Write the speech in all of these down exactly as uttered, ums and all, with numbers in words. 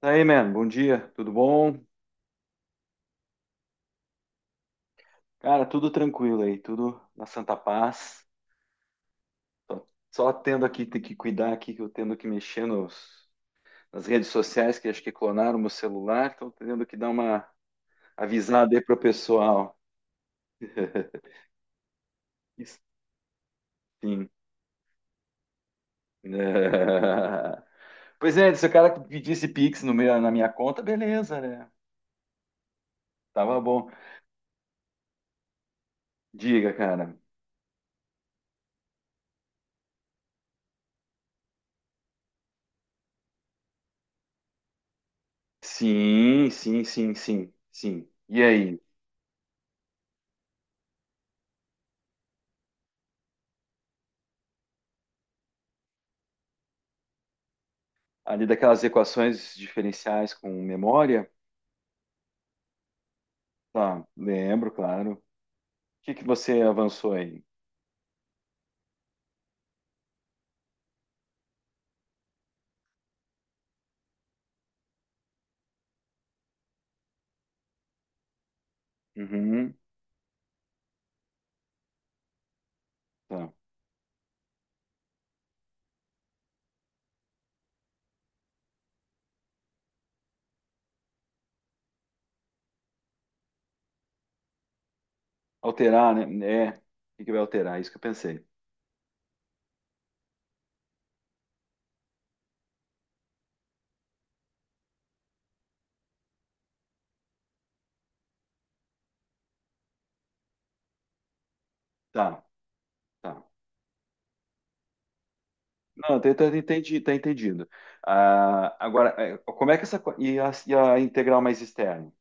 Daí, man, bom dia, tudo bom? Cara, tudo tranquilo aí, tudo na santa paz. Só tendo aqui, ter que cuidar aqui, que eu tendo que mexer nos, nas redes sociais, que acho que clonaram meu celular, então tendo que dar uma avisada aí pro pessoal. Sim. É. Pois é, se o cara pedisse Pix no meu, na minha conta, beleza, né? Tava bom. Diga, cara. Sim, sim, sim, sim, sim. E aí? Ali daquelas equações diferenciais com memória? Tá, lembro, claro. O que que você avançou aí? Uhum, tá. Alterar, né? É. O que que vai alterar? Isso que eu pensei. Tá, tá. Não, tá, tá, tá entendi, tá entendido. Ah, agora, é, como é que essa. co- E a, e a integral mais externa?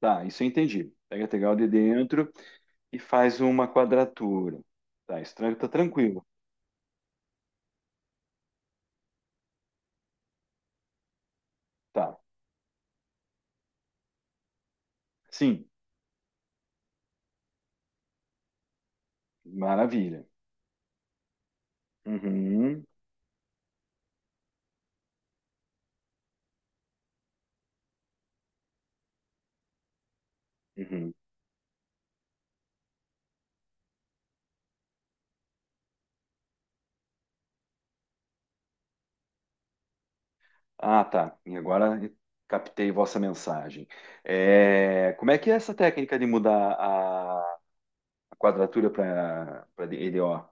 Tá, isso eu entendi. Pega a integral de dentro e faz uma quadratura. Tá, isso tran- tá tranquilo. Tá. Sim, maravilha. Uhum, uhum. Ah, tá. E agora captei vossa mensagem. É, como é que é essa técnica de mudar a a quadratura para E D O?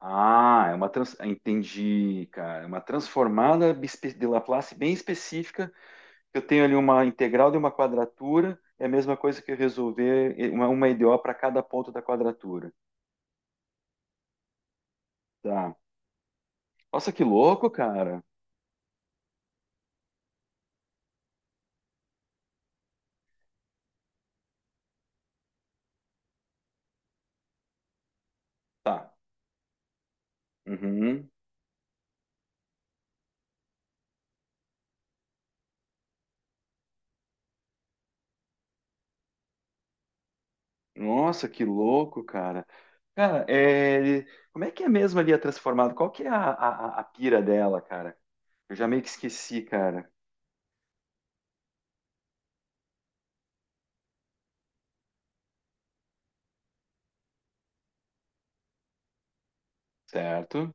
Ah, é uma trans... entendi, cara. É uma transformada bispe- de Laplace bem específica. Eu tenho ali uma integral de uma quadratura. É a mesma coisa que eu resolver uma, uma E D O para cada ponto da quadratura. Tá. Nossa, que louco, cara. Tá. Uhum. Nossa, que louco, cara. Cara, é, ele- como é que é mesmo ali a transformada? Qual que é a, a, a a pira dela, cara? Eu já meio que esqueci, cara. Certo?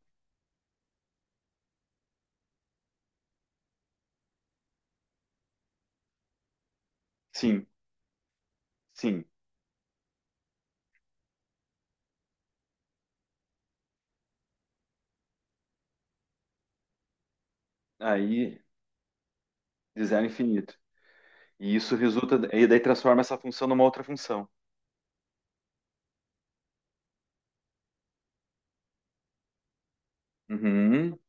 Sim, sim. Aí, de zero a infinito. E isso resulta, e daí transforma essa função numa outra função. Uhum.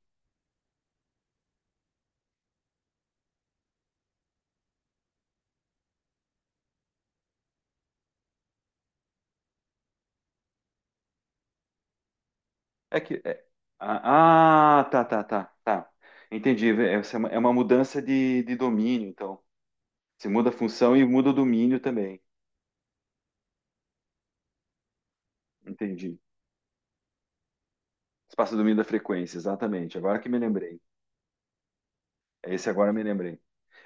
É que. É- ah, ah, Tá, tá, tá, tá. Entendi. É é, essa é uma é uma mudança de, de domínio, então. Você muda a função e muda o domínio também. Entendi. Espaço de domínio da frequência, exatamente. Agora que me lembrei. Esse agora eu me lembrei.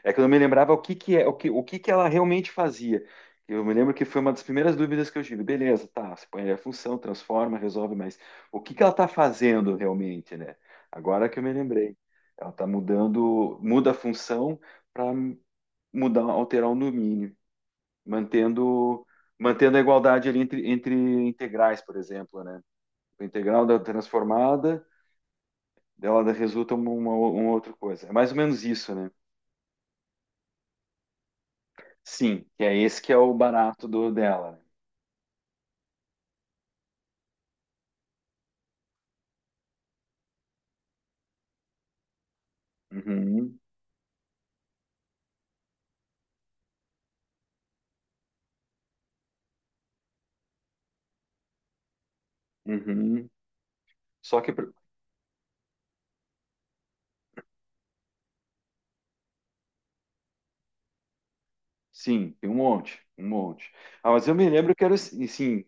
É que eu não me lembrava o que que é, o que, o que que ela realmente fazia. Eu me lembro que foi uma das primeiras dúvidas que eu tive. Beleza, tá, você põe a função, transforma, resolve, mas o que que ela está fazendo realmente, né? Agora que eu me lembrei. Ela está mudando, muda a função para mudar, alterar o domínio, mantendo, mantendo a igualdade ali entre, entre integrais, por exemplo, né? O integral da transformada, dela resulta uma, uma outra coisa. É mais ou menos isso, né? Sim, que é esse que é o barato do dela. Né? Uhum, uhum. Só que, pro- sim, tem um monte, um monte. Ah, mas eu me lembro que era assim, sim,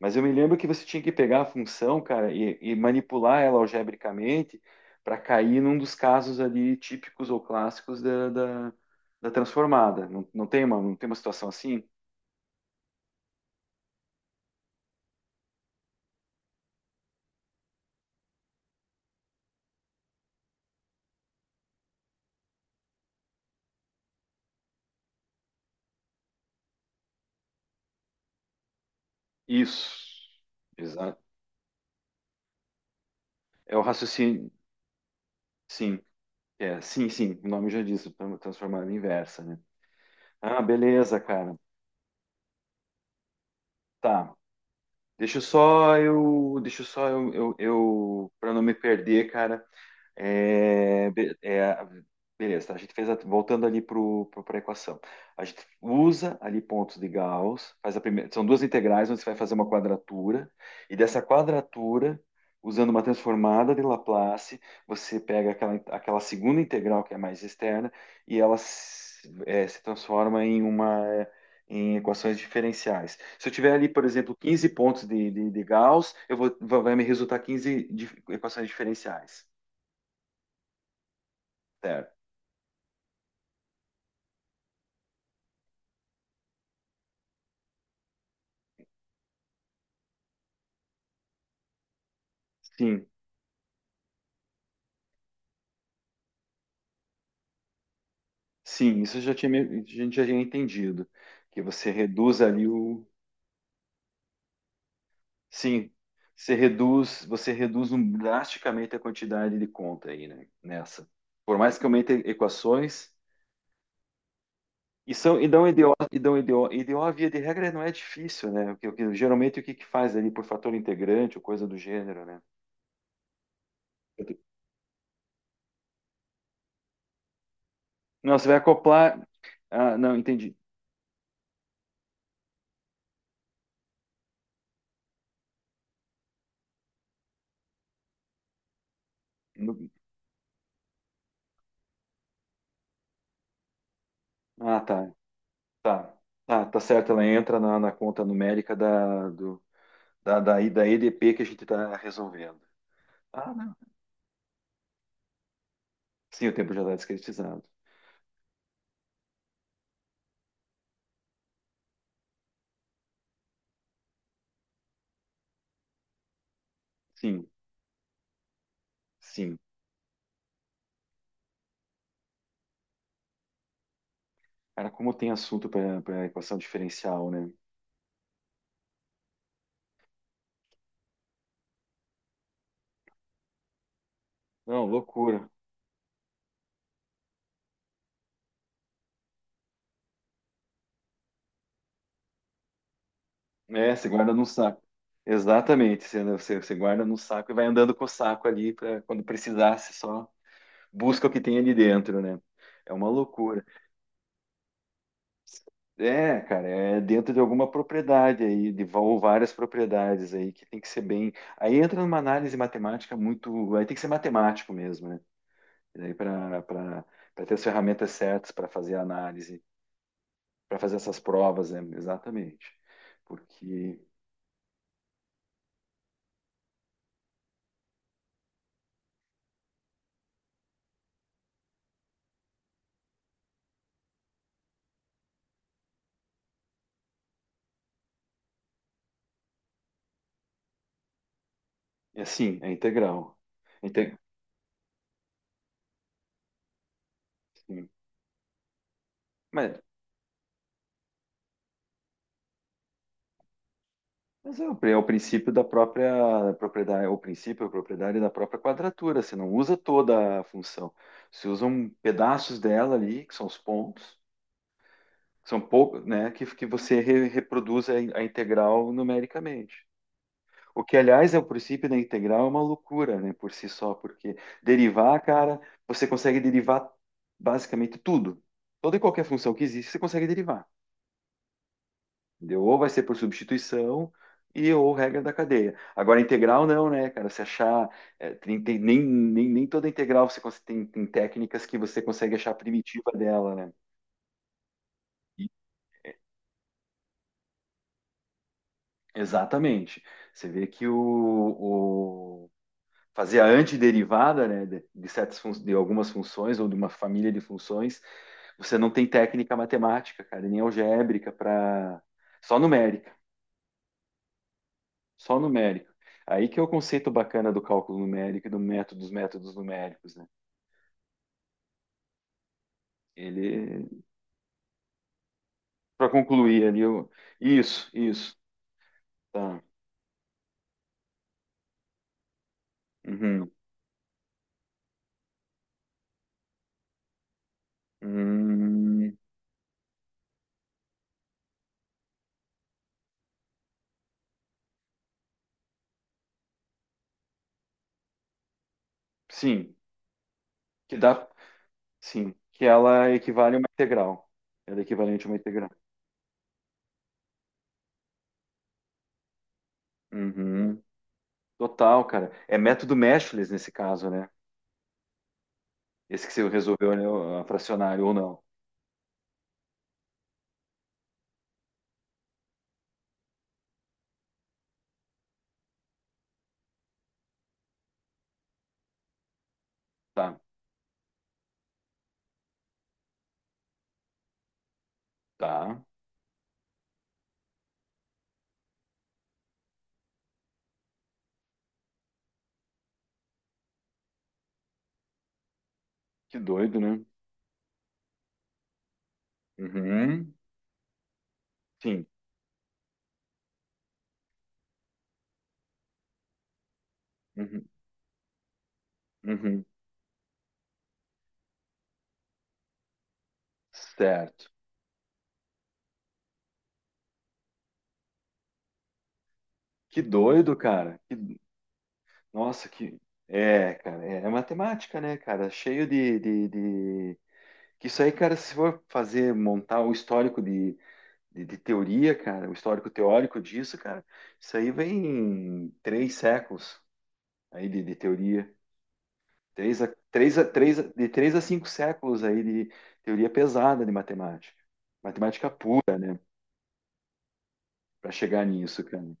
mas eu me lembro que você tinha que pegar a função, cara, e, e manipular ela algebricamente para cair num dos casos ali típicos ou clássicos da, da, da transformada. Não, não tem uma, não tem uma situação assim? Isso, exato. É o raciocínio, sim, é, sim, sim, o nome já diz, transformada inversa, né? Ah, beleza, cara. Tá. Deixa eu só eu, deixa eu só eu, eu, eu para não me perder, cara, é, be- é, beleza, tá? A gente fez a- voltando ali para a equação. A gente usa ali pontos de Gauss, faz a primeira, são duas integrais onde você vai fazer uma quadratura, e dessa quadratura, usando uma transformada de Laplace, você pega aquela, aquela segunda integral que é mais externa e ela se, é, se transforma em uma em equações diferenciais. Se eu tiver ali, por exemplo, quinze pontos de, de, de Gauss, eu vou, vai vai me resultar quinze dif- equações diferenciais. Certo? Sim, sim, isso eu já tinha, me- a gente já tinha entendido, que você reduz ali o, sim, você reduz, você reduz um- drasticamente a quantidade de conta aí, né, nessa. Por mais que aumente equações, e são, e dão E D O, e dão E D O, E D O via de regra não é difícil, né, o que, o que- geralmente o que que faz ali por fator integrante ou coisa do gênero, né. Não, você vai acoplar, ah, não, entendi. No- Ah, tá, tá, tá, tá certo, ela entra na, na conta numérica da, do da, da, da E D P que a gente está resolvendo. Ah, não. Sim, o tempo já está discretizado. Sim, sim. Cara, como tem assunto para equação diferencial, né? Não, loucura. É, você guarda num saco. Exatamente. Você, você, você guarda num saco e vai andando com o saco ali para quando precisar, você só busca o que tem ali dentro, né? É uma loucura. É, cara, é dentro de alguma propriedade aí, de va- ou várias propriedades aí que tem que ser bem. Aí entra numa análise matemática muito. Aí tem que ser matemático mesmo, né? E daí para ter as ferramentas certas para fazer a análise, para fazer essas provas, né? Exatamente. Porque, é assim, é integral. Inte- sim. Mas, mas é, o, pri- é o princípio da própria propriedade, é o princípio, a propriedade da própria quadratura. Você não usa toda a função. Você usa um pedaços dela ali, que são os pontos, que são poucos, né? Que, que você re- reproduz a, in- a integral numericamente. O que, aliás, é o princípio da integral, é uma loucura, né, por si só, porque derivar, cara, você consegue derivar basicamente tudo. Toda e qualquer função que existe, você consegue derivar. Entendeu? Ou vai ser por substituição e ou regra da cadeia. Agora, integral não, né, cara? Você achar. É, tem- tem- nem, nem, nem toda integral você cons- tem, tem técnicas que você consegue achar a primitiva dela, né? E- Exatamente. Você vê que o, fazer a antiderivada né, de, de, certas de algumas funções ou de uma família de funções, você não tem técnica matemática, cara, nem algébrica para só numérica, só numérica. Aí que é o conceito bacana do cálculo numérico e do método dos métodos numéricos, né? Ele para concluir ali eu... isso, isso, tá. Uhum. Hum, sim, que dá, sim, que ela equivale a uma integral. Ela é equivalente a uma integral. Uhum. Total, cara. É método Meshless nesse caso, né? Esse que você resolveu, né? o- A fracionário ou não. Tá, tá. Que doido, né? Uhum. Sim. Uhum. Uhum. Certo. Que doido, cara. Que... Nossa, que. É, cara. É, é matemática, né, cara? Cheio de, de, de- que isso aí, cara, se for fazer, montar o histórico de, de, de teoria, cara, o histórico teórico disso, cara, isso aí vem em três séculos aí de de teoria. Três a, três a, três a- de três a cinco séculos aí de teoria pesada de matemática. Matemática pura, né? Para chegar nisso, cara.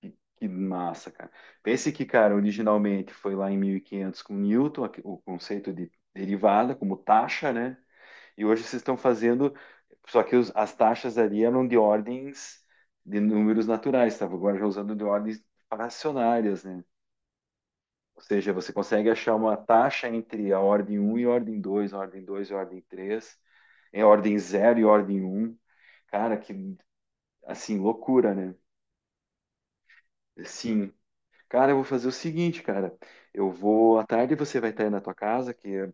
Que, que massa, cara. Pense que, cara, originalmente foi lá em mil e quinhentos com Newton, aqui- o conceito de derivada como taxa, né? E hoje vocês estão fazendo, só que os- as taxas ali eram de ordens de números naturais, estava agora já usando de ordens fracionárias, né? Ou seja, você consegue achar uma taxa entre a ordem um e a ordem dois, a ordem dois e a ordem três, é a ordem zero e a ordem um, cara, que assim, loucura, né? Sim. Cara, eu vou fazer o seguinte, cara. Eu vou à tarde você vai estar aí na tua casa, que é,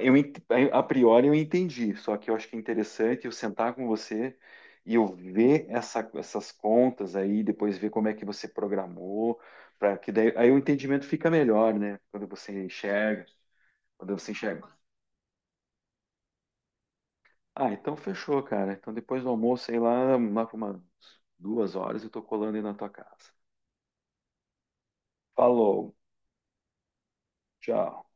eu ent- a priori eu entendi, só que eu acho que é interessante eu sentar com você e eu ver essa- essas contas aí, depois ver como é que você programou, para que daí aí o entendimento fica melhor, né? Quando você enxerga. Quando você chega. Ah, então fechou, cara. Então depois do almoço, sei lá, lá por umas duas horas eu tô colando aí na tua casa. Falou, tchau.